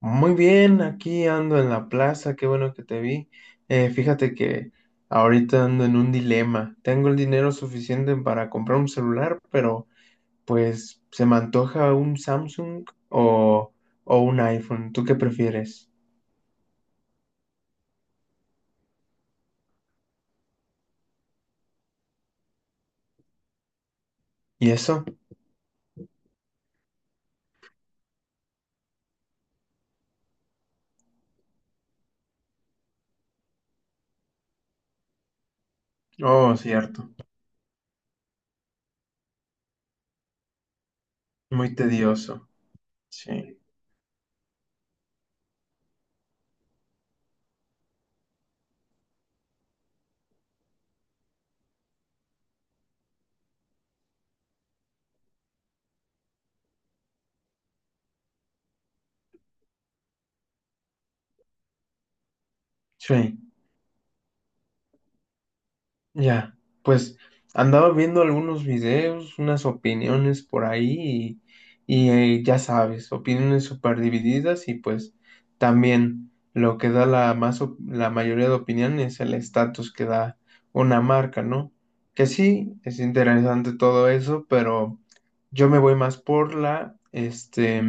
Muy bien, aquí ando en la plaza, qué bueno que te vi. Fíjate que ahorita ando en un dilema. Tengo el dinero suficiente para comprar un celular, pero pues se me antoja un Samsung o un iPhone. ¿Tú qué prefieres? ¿Y eso? Oh, cierto. Muy tedioso. Sí, sí. Ya, pues andaba viendo algunos videos, unas opiniones por ahí y ya sabes, opiniones súper divididas y pues también lo que da la, más, la mayoría de opiniones es el estatus que da una marca, ¿no? Que sí, es interesante todo eso, pero yo me voy más por la, este,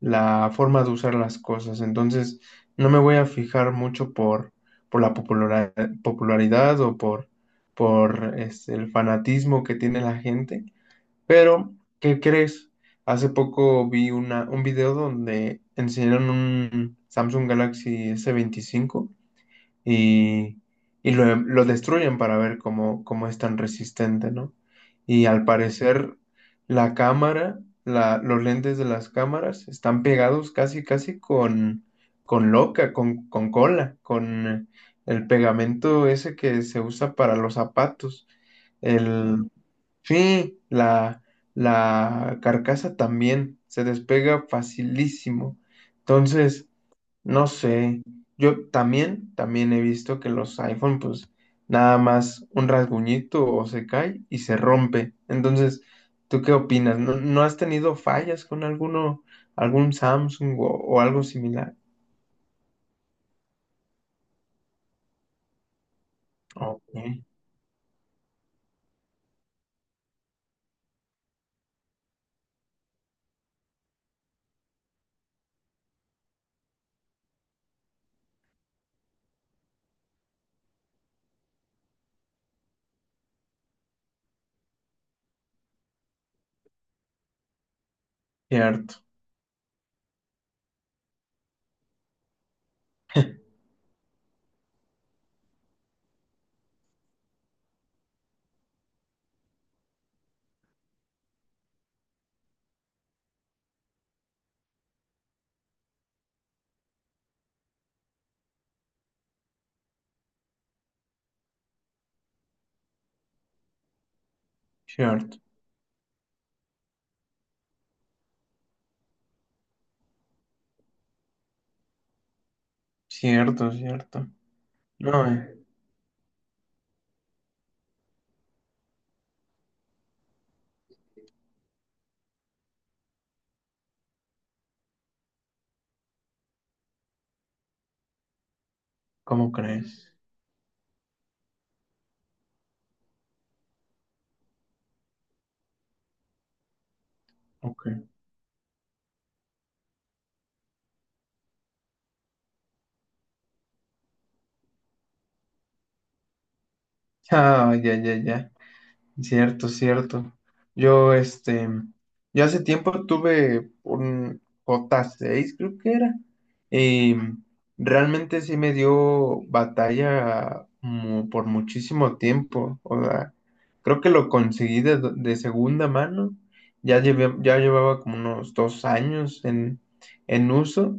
la forma de usar las cosas, entonces no me voy a fijar mucho por la popularidad popularidad o por este, el fanatismo que tiene la gente. Pero, ¿qué crees? Hace poco vi un video donde enseñaron un Samsung Galaxy S25 y, y lo destruyen para ver cómo es tan resistente, ¿no? Y al parecer la cámara, los lentes de las cámaras están pegados casi con cola, con el pegamento ese que se usa para los zapatos. El, Mm. Sí, la carcasa también se despega facilísimo. Entonces, no sé, yo también, también he visto que los iPhone, pues nada más un rasguñito o se cae y se rompe. Entonces, ¿tú qué opinas? ¿No, no has tenido fallas con alguno, algún Samsung o algo similar? Ok, cierto, cierto, cierto, cierto. No, ¿cómo crees? Ok. Ah, ya, ya, ya. Cierto, cierto. Yo, este, yo hace tiempo tuve un J6, creo que era, y realmente sí me dio batalla por muchísimo tiempo. O sea, creo que lo conseguí de segunda mano. Ya llevaba como unos 2 años en uso,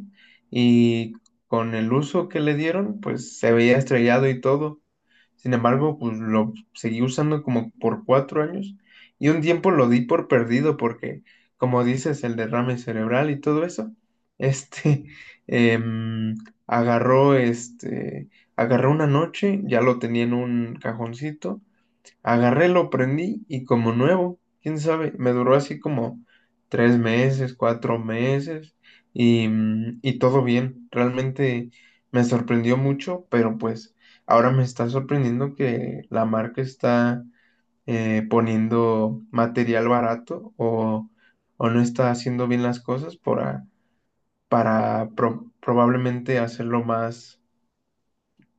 y con el uso que le dieron, pues se veía estrellado y todo. Sin embargo, pues lo seguí usando como por 4 años y un tiempo lo di por perdido porque, como dices, el derrame cerebral y todo eso, este, em, agarró, este, agarró una noche, ya lo tenía en un cajoncito. Agarré, lo prendí y como nuevo, quién sabe, me duró así como 3 meses, 4 meses y y todo bien. Realmente me sorprendió mucho, pero pues ahora me está sorprendiendo que la marca está poniendo material o no está haciendo bien las cosas para probablemente hacerlo más,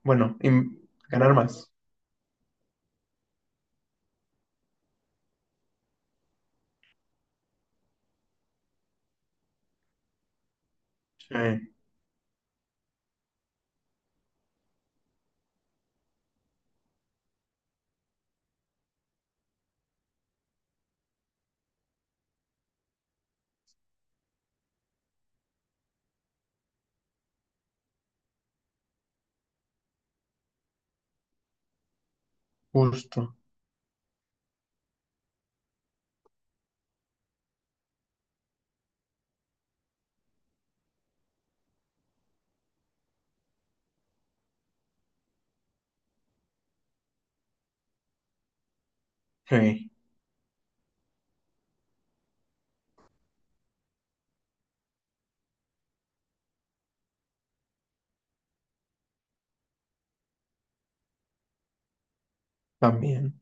bueno, ganar más. Sí, justo. Sí, también.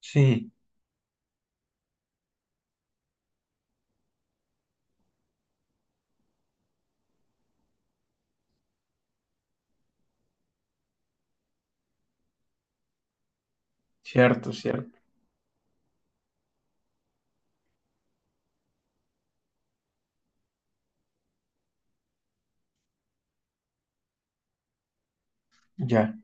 Sí. Cierto, cierto. Ya,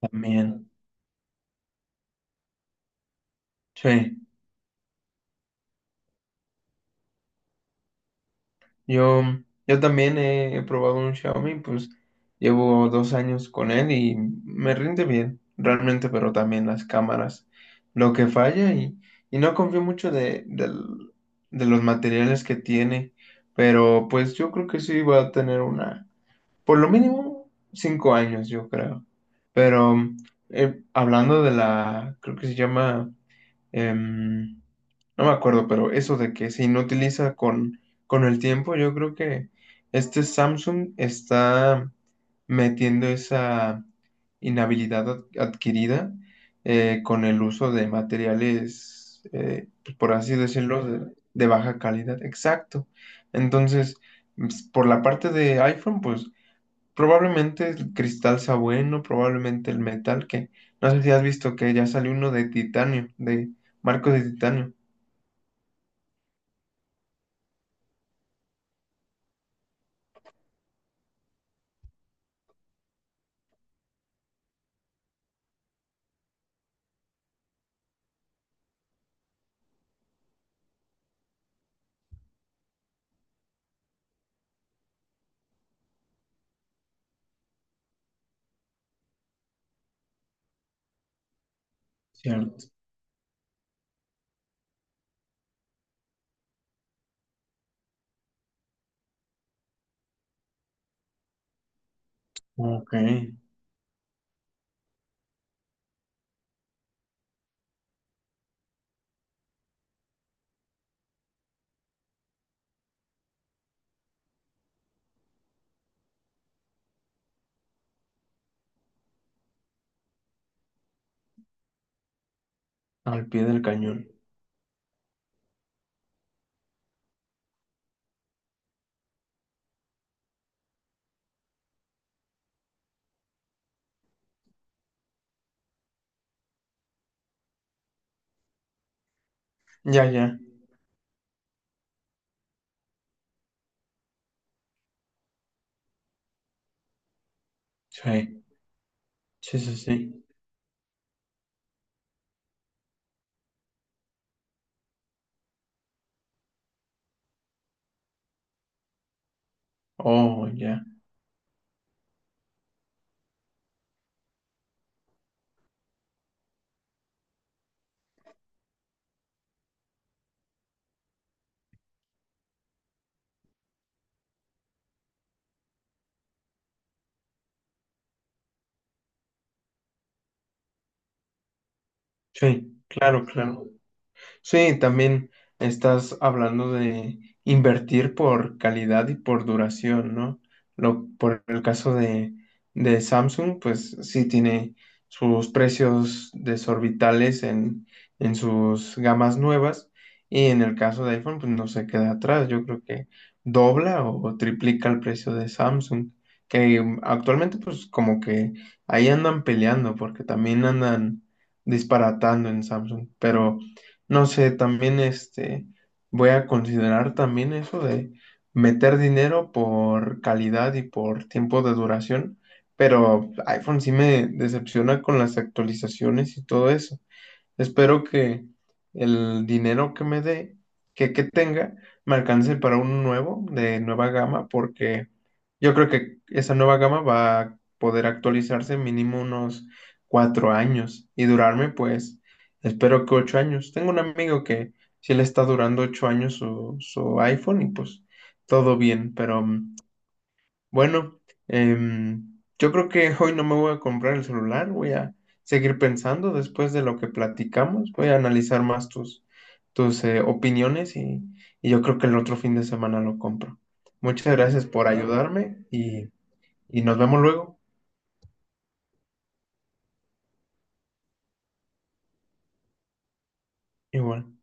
también. Sí, yo, yo también he probado un Xiaomi, pues llevo 2 años con él y me rinde bien, realmente, pero también las cámaras, lo que falla y no confío mucho de los materiales que tiene, pero pues yo creo que sí va a tener una, por lo mínimo, 5 años, yo creo. Pero hablando de la, creo que se llama... em, no me acuerdo, pero eso de que se inutiliza con el tiempo, yo creo que este Samsung está metiendo esa inhabilidad adquirida con el uso de materiales, pues, por así decirlo, de baja calidad. Exacto. Entonces, por la parte de iPhone, pues probablemente el cristal sea bueno, probablemente el metal, que no sé si has visto que ya salió uno de titanio, de marcos de titanio. Cierto. Ok, al pie del cañón. Ya, ya. Sí, sí, sí, sí. Oh, ya. Sí, claro, claro. Sí, también estás hablando de invertir por calidad y por duración, ¿no? Por el caso de Samsung, pues sí tiene sus precios desorbitales en sus gamas nuevas y en el caso de iPhone, pues no se queda atrás. Yo creo que dobla o triplica el precio de Samsung, que actualmente pues como que ahí andan peleando porque también andan disparatando en Samsung, pero... No sé, también este, voy a considerar también eso de meter dinero por calidad y por tiempo de duración, pero iPhone sí me decepciona con las actualizaciones y todo eso. Espero que el dinero que me dé, que tenga, me alcance para uno nuevo, de nueva gama, porque yo creo que esa nueva gama va a poder actualizarse mínimo unos 4 años y durarme, pues, espero que 8 años. Tengo un amigo que sí le está durando 8 años su, su iPhone y pues todo bien, pero bueno, yo creo que hoy no me voy a comprar el celular, voy a seguir pensando después de lo que platicamos, voy a analizar más tus, tus opiniones y yo creo que el otro fin de semana lo compro. Muchas gracias por ayudarme y nos vemos luego. Igual.